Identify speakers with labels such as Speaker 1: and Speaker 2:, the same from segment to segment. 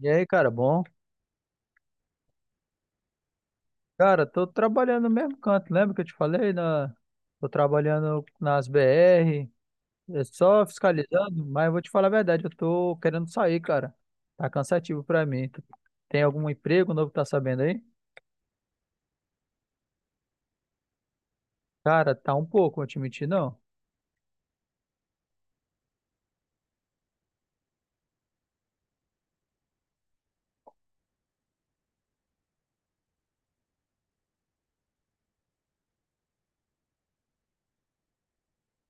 Speaker 1: E aí, cara, bom? Cara, tô trabalhando no mesmo canto, lembra que eu te falei? Na... Tô trabalhando nas BR, é só fiscalizando, mas eu vou te falar a verdade, eu tô querendo sair, cara. Tá cansativo pra mim. Tem algum emprego novo que tá sabendo aí? Cara, tá um pouco, vou te mentir, não.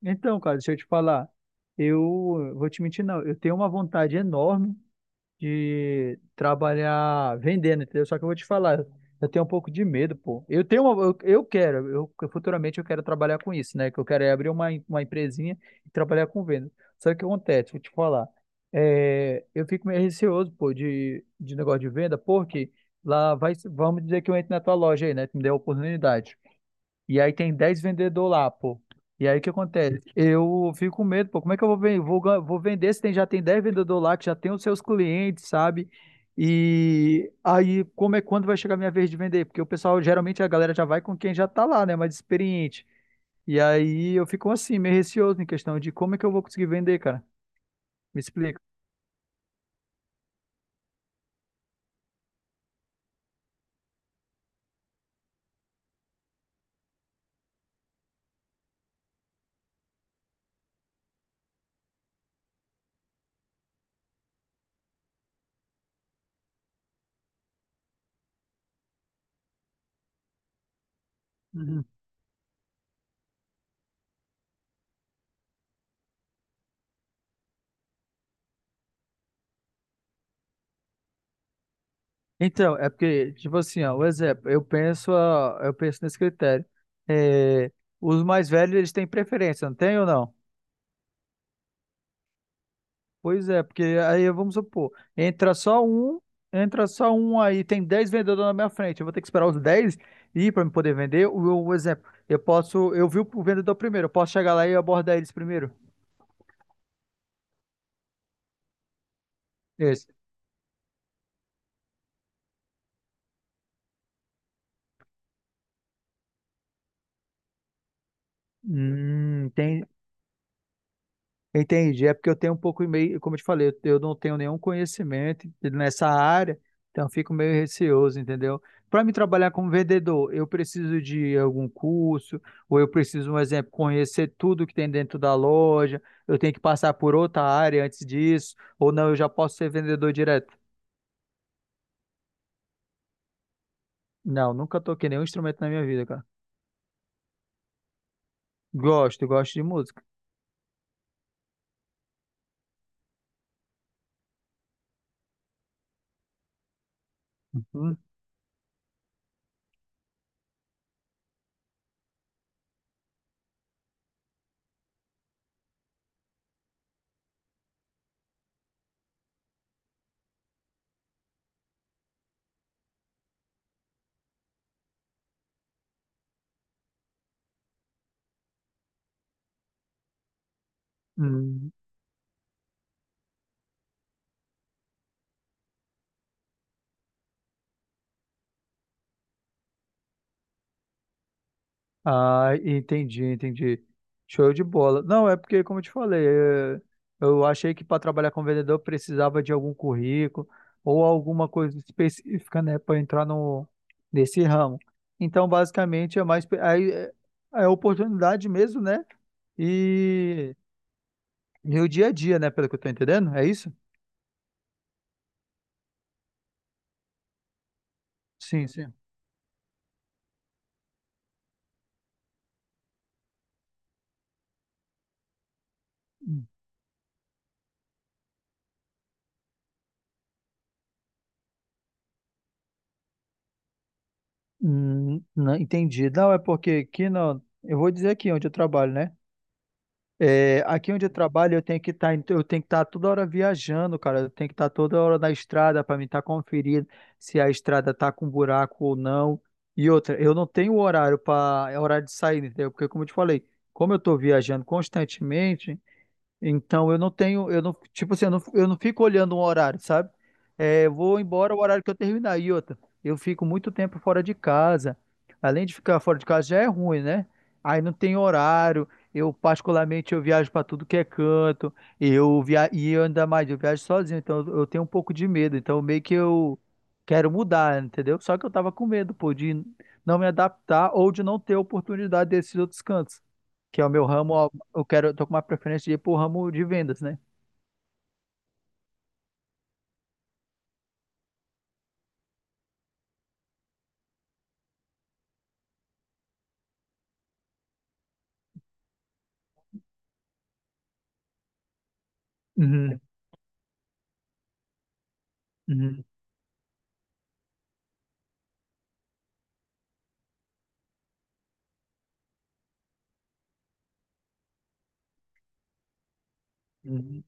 Speaker 1: Então, cara, deixa eu te falar. Eu vou te mentir, não. Eu tenho uma vontade enorme de trabalhar vendendo, entendeu? Só que eu vou te falar, eu tenho um pouco de medo, pô. Eu tenho uma, eu quero, eu futuramente eu quero trabalhar com isso, né? Que eu quero é abrir uma empresinha e trabalhar com venda. Só que o que acontece, vou te falar, é, eu fico meio receoso, pô, de negócio de venda, porque lá vai, vamos dizer que eu entro na tua loja aí, né? Tu me deu a oportunidade. E aí tem 10 vendedores lá, pô. E aí o que acontece? Eu fico com medo, pô. Como é que eu vou vender se tem, já tem 10 vendedores lá que já tem os seus clientes, sabe? E aí, como é quando vai chegar a minha vez de vender? Porque o pessoal, geralmente a galera já vai com quem já tá lá, né? Mais experiente. E aí eu fico assim, meio receoso em questão de como é que eu vou conseguir vender, cara. Me explica. Uhum. Então, é porque, tipo assim, ó, o exemplo, eu penso, ó, eu penso nesse critério. É, os mais velhos, eles têm preferência, não tem ou não? Pois é, porque aí vamos supor, entra só um, entra só um aí, tem 10 vendedores na minha frente. Eu vou ter que esperar os 10 ir para me poder vender. O exemplo, eu posso, eu vi o vendedor primeiro, eu posso chegar lá e abordar eles primeiro. Esse. Hum. Entendi, é porque eu tenho um pouco meio, como eu te falei, eu não tenho nenhum conhecimento nessa área, então eu fico meio receoso, entendeu? Para me trabalhar como vendedor, eu preciso de algum curso, ou eu preciso, um exemplo, conhecer tudo que tem dentro da loja, eu tenho que passar por outra área antes disso, ou não, eu já posso ser vendedor direto. Não, nunca toquei nenhum instrumento na minha vida, cara. Gosto, gosto de música. Hum, hum. Ah, entendi, entendi. Show de bola. Não, é porque, como eu te falei, é, eu achei que para trabalhar com vendedor precisava de algum currículo ou alguma coisa específica, né, para entrar no, nesse ramo. Então, basicamente, é mais aí é, é oportunidade mesmo, né? E, meu dia a dia, né, pelo que eu tô entendendo, é isso? Sim, sim. Não, entendi. Não, é porque aqui não, eu vou dizer aqui onde eu trabalho, né? É, aqui onde eu trabalho, eu tenho que estar toda hora viajando, cara. Eu tenho que estar toda hora na estrada para mim estar conferindo se a estrada tá com buraco ou não. E outra, eu não tenho horário para, é horário de sair, entendeu? Porque como eu te falei, como eu estou viajando constantemente, então eu não tenho, eu não, tipo assim, eu não fico olhando um horário, sabe? É, eu vou embora o horário que eu terminar. E outra, eu fico muito tempo fora de casa. Além de ficar fora de casa já é ruim, né? Aí não tem horário. Eu particularmente eu viajo para tudo que é canto. Eu ainda mais, eu viajo sozinho, então eu tenho um pouco de medo. Então meio que eu quero mudar, entendeu? Só que eu tava com medo, pô, de não me adaptar ou de não ter oportunidade desses outros cantos, que é o meu ramo eu quero, eu tô com uma preferência de ir pro ramo de vendas, né? Uhum, uhum, uhum.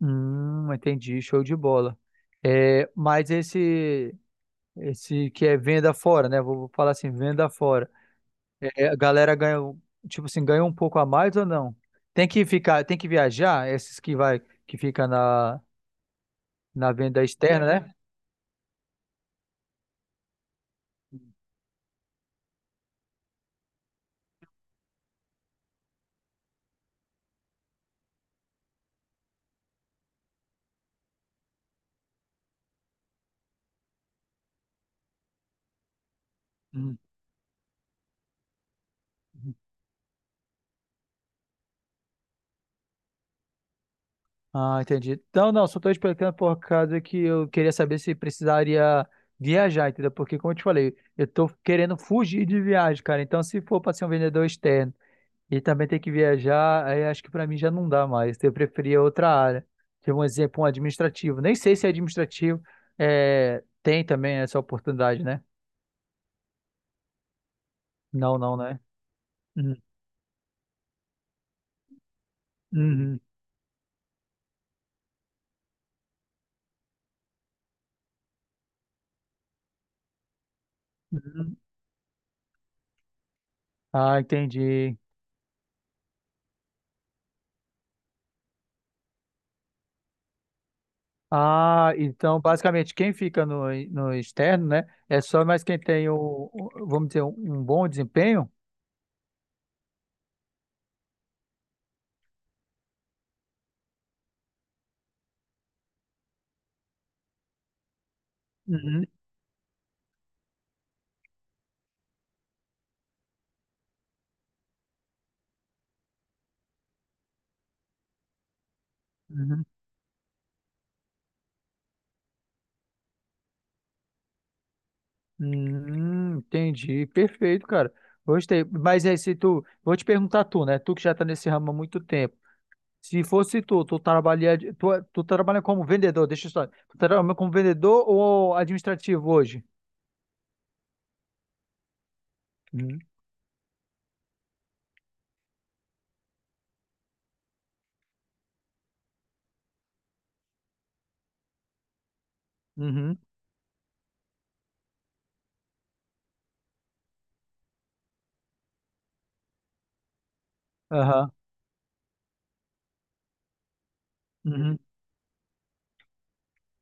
Speaker 1: Entendi, show de bola. É, mas esse que é venda fora, né? Vou falar assim, venda fora. É, a galera ganha, tipo assim, ganha um pouco a mais ou não? Tem que ficar, tem que viajar, esses que vai, que fica na venda externa, né? Hum. Ah, entendi. Então, não, só tô explicando por causa que eu queria saber se precisaria viajar, entendeu? Porque, como eu te falei, eu estou querendo fugir de viagem, cara. Então, se for para ser um vendedor externo e também ter que viajar, aí acho que para mim já não dá mais. Eu preferia outra área. Tipo, um exemplo, um administrativo. Nem sei se é administrativo é, tem também essa oportunidade, né? Não, não, né? Uhum. Uhum. Uhum. Ah, entendi. Ah, então basicamente quem fica no externo, né? É só mais quem tem vamos dizer, um bom desempenho. Uhum, uhum. Entendi, perfeito, cara. Gostei. Mas aí se tu, vou te perguntar tu, né? Tu que já tá nesse ramo há muito tempo. Se fosse tu, tu trabalha como vendedor, deixa eu só. Tu trabalha como vendedor ou administrativo hoje? Uhum, uhum, aham, uhum,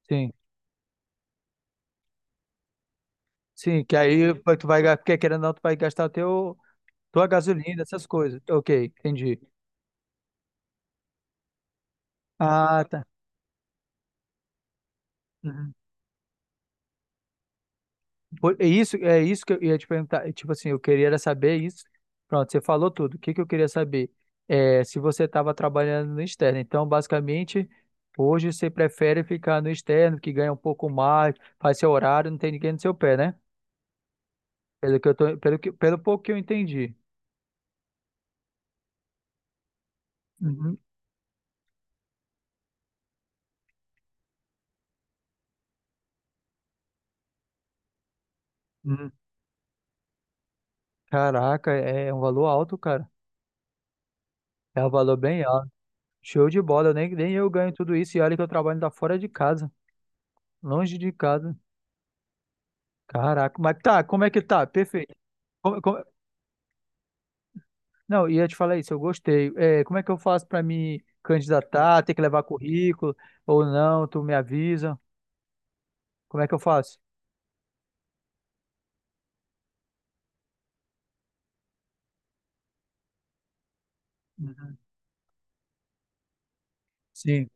Speaker 1: sim. Sim, que aí tu vai, porque querendo ou não, tu vai gastar o teu Tua gasolina, essas coisas. Ok, entendi. Ah, tá. Uhum. Pô, é isso que eu ia te perguntar. É, tipo assim, eu queria era saber isso. Pronto, você falou tudo. O que que eu queria saber? É, se você estava trabalhando no externo. Então, basicamente, hoje você prefere ficar no externo, que ganha um pouco mais, faz seu horário, não tem ninguém no seu pé, né? Pelo pouco que eu entendi. Uhum. Uhum. Caraca, é um valor alto, cara. É um valor bem alto. Show de bola, eu nem, nem eu ganho tudo isso e olha que eu trabalho da fora de casa. Longe de casa. Caraca, mas tá, como é que tá? Perfeito. Como- como- Não, ia te falar isso, eu gostei. É, como é que eu faço pra me candidatar? Tem que levar currículo ou não? Tu me avisa. Como é que eu faço? Uhum. Sim.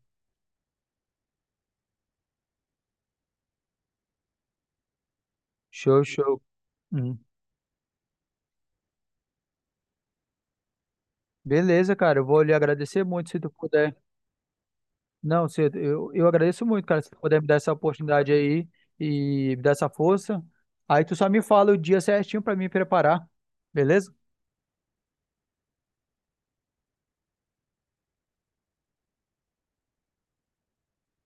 Speaker 1: Show, show. Uhum. Beleza, cara, eu vou lhe agradecer muito se tu puder. Não, se, eu agradeço muito, cara, se tu puder me dar essa oportunidade aí e me dar essa força. Aí tu só me fala o dia certinho pra me preparar, beleza?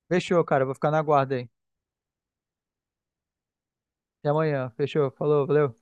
Speaker 1: Fechou, cara, eu vou ficar na guarda aí. Até amanhã. Fechou. Falou, valeu.